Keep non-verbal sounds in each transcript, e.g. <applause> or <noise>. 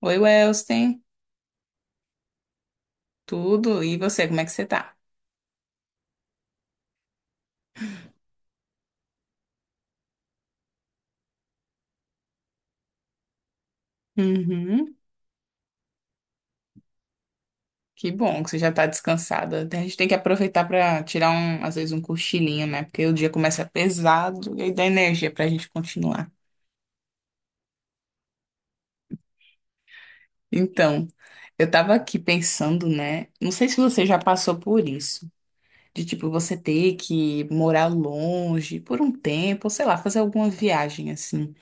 Oi, Welston, tudo? E você, como é que você tá? Uhum. Que bom que você já tá descansada. A gente tem que aproveitar pra tirar um, às vezes um cochilinho, né? Porque o dia começa pesado e aí dá energia pra gente continuar. Então, eu tava aqui pensando, né? Não sei se você já passou por isso, de tipo você ter que morar longe por um tempo, ou sei lá, fazer alguma viagem assim.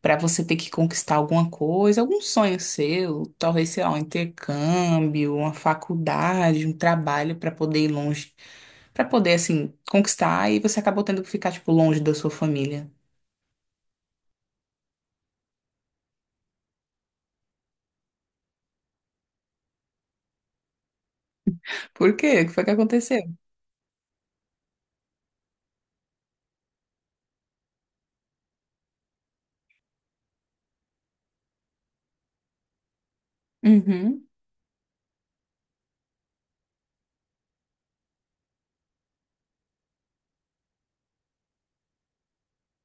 Pra você ter que conquistar alguma coisa, algum sonho seu, talvez, sei lá, um intercâmbio, uma faculdade, um trabalho pra poder ir longe, pra poder assim conquistar e você acabou tendo que ficar tipo longe da sua família. Por quê? O que foi que aconteceu? Uhum.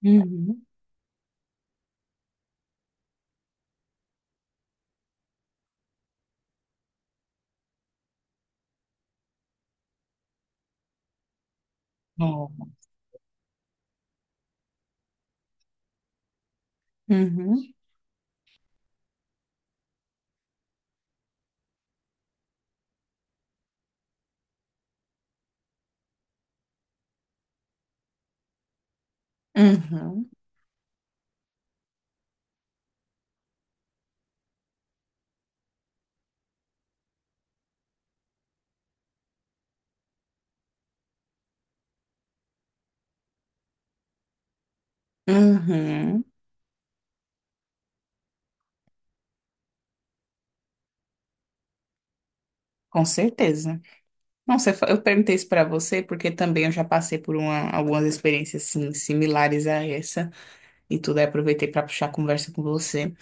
Uhum. Ó. Uhum. Uhum. Uhum. Com certeza. Não, eu perguntei isso pra você porque também eu já passei por algumas experiências assim, similares a essa e tudo, aí aproveitei pra puxar a conversa com você.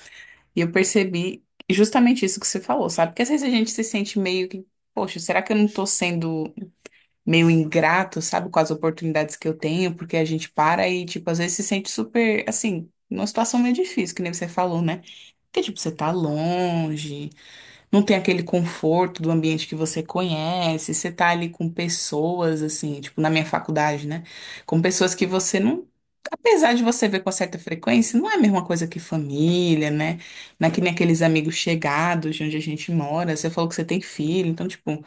E eu percebi justamente isso que você falou, sabe? Porque às vezes a gente se sente meio que, poxa, será que eu não tô sendo meio ingrato, sabe, com as oportunidades que eu tenho? Porque a gente para e, tipo, às vezes se sente super, assim, numa situação meio difícil, que nem você falou, né? Porque, tipo, você tá longe. Não tem aquele conforto do ambiente que você conhece, você tá ali com pessoas, assim, tipo na minha faculdade, né? Com pessoas que você não. Apesar de você ver com certa frequência, não é a mesma coisa que família, né? Não é que nem aqueles amigos chegados de onde a gente mora. Você falou que você tem filho, então, tipo,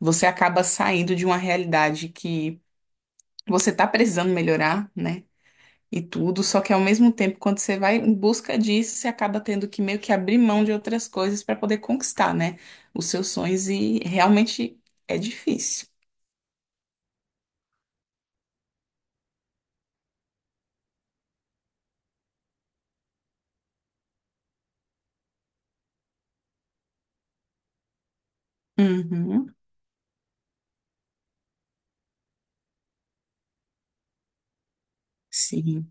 você acaba saindo de uma realidade que você tá precisando melhorar, né? E tudo, só que ao mesmo tempo, quando você vai em busca disso, você acaba tendo que meio que abrir mão de outras coisas para poder conquistar, né, os seus sonhos e realmente é difícil. Uhum, sim.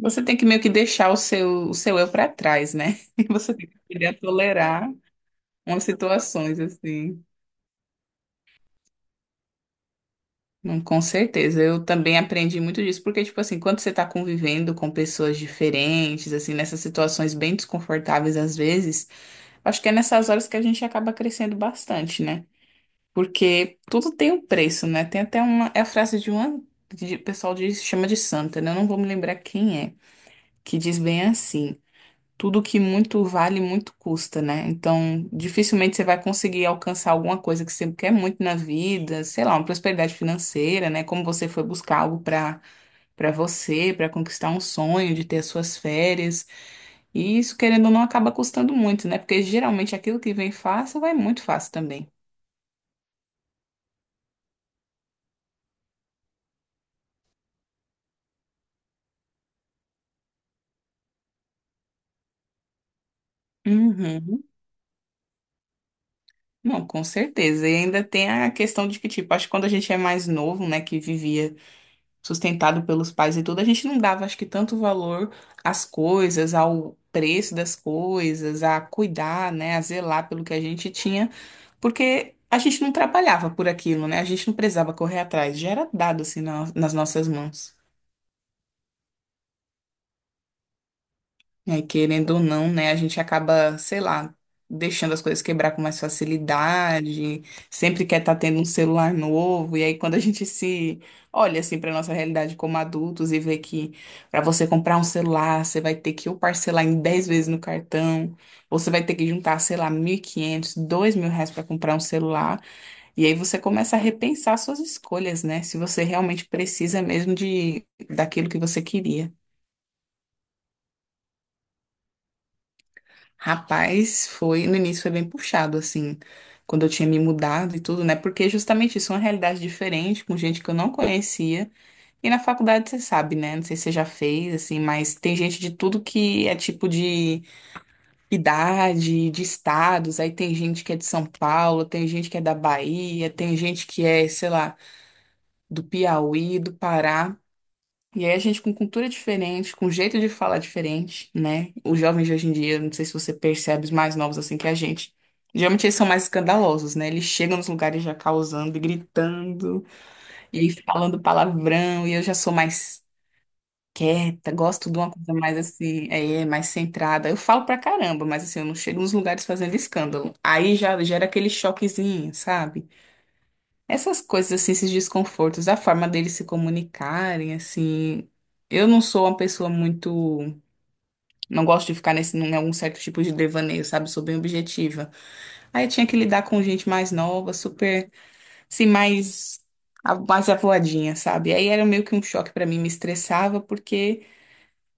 Você tem que meio que deixar o seu eu para trás, né? <laughs> Você tem que aprender a tolerar umas situações assim. Com certeza, eu também aprendi muito disso, porque, tipo assim, quando você tá convivendo com pessoas diferentes, assim, nessas situações bem desconfortáveis às vezes, acho que é nessas horas que a gente acaba crescendo bastante, né? Porque tudo tem um preço, né? Tem até uma. É a frase de uma. De, o pessoal diz, chama de santa, né? Eu não vou me lembrar quem é. Que diz bem assim: tudo que muito vale, muito custa, né? Então, dificilmente você vai conseguir alcançar alguma coisa que você quer muito na vida, sei lá, uma prosperidade financeira, né? Como você foi buscar algo para você, para conquistar um sonho de ter as suas férias. E isso, querendo ou não, acaba custando muito, né? Porque geralmente aquilo que vem fácil vai muito fácil também. Uhum. Não, com certeza. E ainda tem a questão de que, tipo, acho que quando a gente é mais novo, né, que vivia sustentado pelos pais e tudo, a gente não dava, acho que, tanto valor às coisas, ao preço das coisas, a cuidar, né, a zelar pelo que a gente tinha, porque a gente não trabalhava por aquilo, né? A gente não precisava correr atrás, já era dado assim nas nossas mãos. É, querendo ou não, né, a gente acaba, sei lá, deixando as coisas quebrar com mais facilidade, sempre quer estar tendo um celular novo, e aí quando a gente se olha assim para nossa realidade como adultos e vê que para você comprar um celular, você vai ter que ou parcelar em 10 vezes no cartão, ou você vai ter que juntar, sei lá, 1.500, R$ 2.000 para comprar um celular, e aí você começa a repensar suas escolhas, né? Se você realmente precisa mesmo de daquilo que você queria. Rapaz, foi, no início foi bem puxado, assim, quando eu tinha me mudado e tudo, né? Porque justamente isso é uma realidade diferente, com gente que eu não conhecia. E na faculdade você sabe, né? Não sei se você já fez, assim, mas tem gente de tudo que é tipo de idade, de estados. Aí tem gente que é de São Paulo, tem gente que é da Bahia, tem gente que é, sei lá, do Piauí, do Pará. E aí a gente com cultura diferente, com jeito de falar diferente, né? Os jovens de hoje em dia, não sei se você percebe, os mais novos assim que a gente. Geralmente eles são mais escandalosos, né? Eles chegam nos lugares já causando e gritando e falando palavrão. E eu já sou mais quieta, gosto de uma coisa mais assim, é, mais centrada. Eu falo pra caramba, mas assim, eu não chego nos lugares fazendo escândalo. Aí já gera aquele choquezinho, sabe? Essas coisas, assim, esses desconfortos, a forma deles se comunicarem, assim. Eu não sou uma pessoa muito. Não gosto de ficar nesse, em algum certo tipo de devaneio, sabe? Sou bem objetiva. Aí eu tinha que lidar com gente mais nova, super. Assim, mais. Mais avoadinha, sabe? Aí era meio que um choque pra mim, me estressava, porque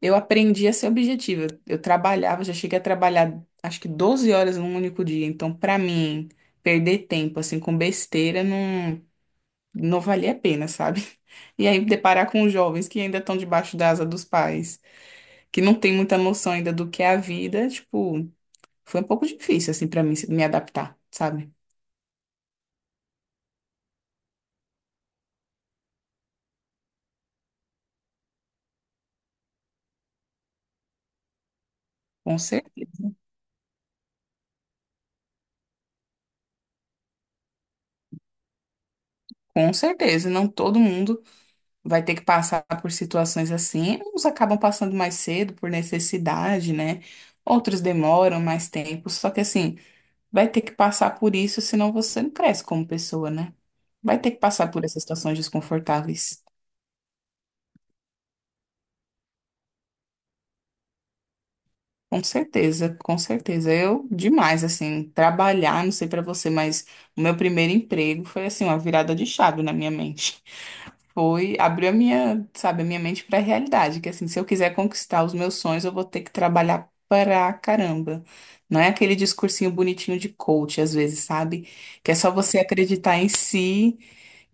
eu aprendi a ser objetiva. Eu trabalhava, já cheguei a trabalhar, acho que 12 horas num único dia. Então, pra mim, perder tempo, assim, com besteira, não valia a pena, sabe? <laughs> E aí deparar com os jovens que ainda estão debaixo da asa dos pais, que não tem muita noção ainda do que é a vida, tipo, foi um pouco difícil assim pra mim me adaptar, sabe? Com certeza. Com certeza, não todo mundo vai ter que passar por situações assim. Uns acabam passando mais cedo por necessidade, né? Outros demoram mais tempo, só que assim, vai ter que passar por isso, senão você não cresce como pessoa, né? Vai ter que passar por essas situações desconfortáveis. Com certeza, com certeza. Eu, demais, assim, trabalhar, não sei pra você, mas o meu primeiro emprego foi, assim, uma virada de chave na minha mente. <laughs> Foi, abriu a minha, sabe, a minha mente pra realidade, que, assim, se eu quiser conquistar os meus sonhos, eu vou ter que trabalhar pra caramba. Não é aquele discursinho bonitinho de coach, às vezes, sabe? Que é só você acreditar em si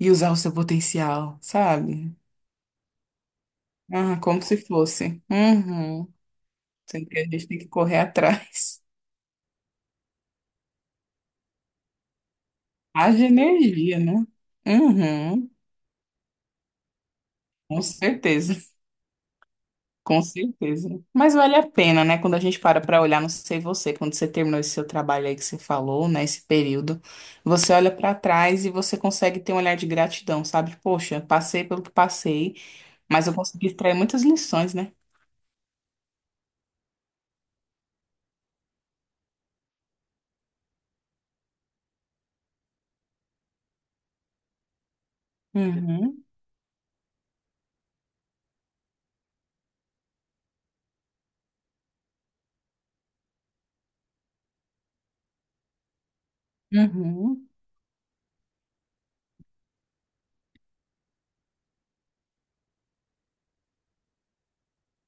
e usar o seu potencial, sabe? Ah, como se fosse. Uhum. A gente tem que correr <laughs> atrás. Haja energia, né? Uhum, com certeza, com certeza. Mas vale a pena, né? Quando a gente para para olhar, não sei você, quando você terminou esse seu trabalho aí que você falou, né? Esse período, você olha para trás e você consegue ter um olhar de gratidão, sabe? Poxa, passei pelo que passei, mas eu consegui extrair muitas lições, né? Uhum. Uhum,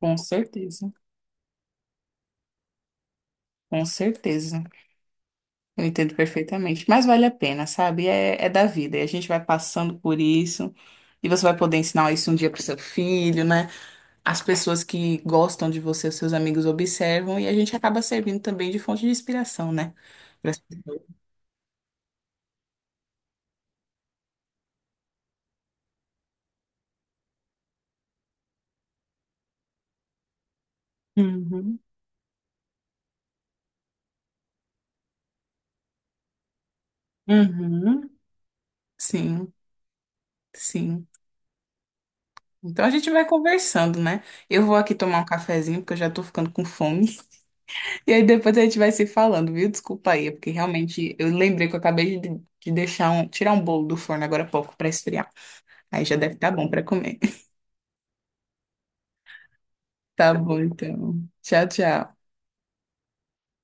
com certeza, com certeza. Eu entendo perfeitamente, mas vale a pena, sabe? É, é da vida, e a gente vai passando por isso, e você vai poder ensinar isso um dia pro seu filho, né? As pessoas que gostam de você, os seus amigos observam, e a gente acaba servindo também de fonte de inspiração, né? Pras pessoas. Uhum. Uhum. Sim, sim. Então a gente vai conversando, né? Eu vou aqui tomar um cafezinho, porque eu já tô ficando com fome. E aí depois a gente vai se falando, viu? Desculpa aí, é porque realmente eu lembrei que eu acabei de deixar um, tirar um bolo do forno agora há pouco para esfriar. Aí já deve estar bom para comer. <laughs> Tá bom, então. Tchau, tchau.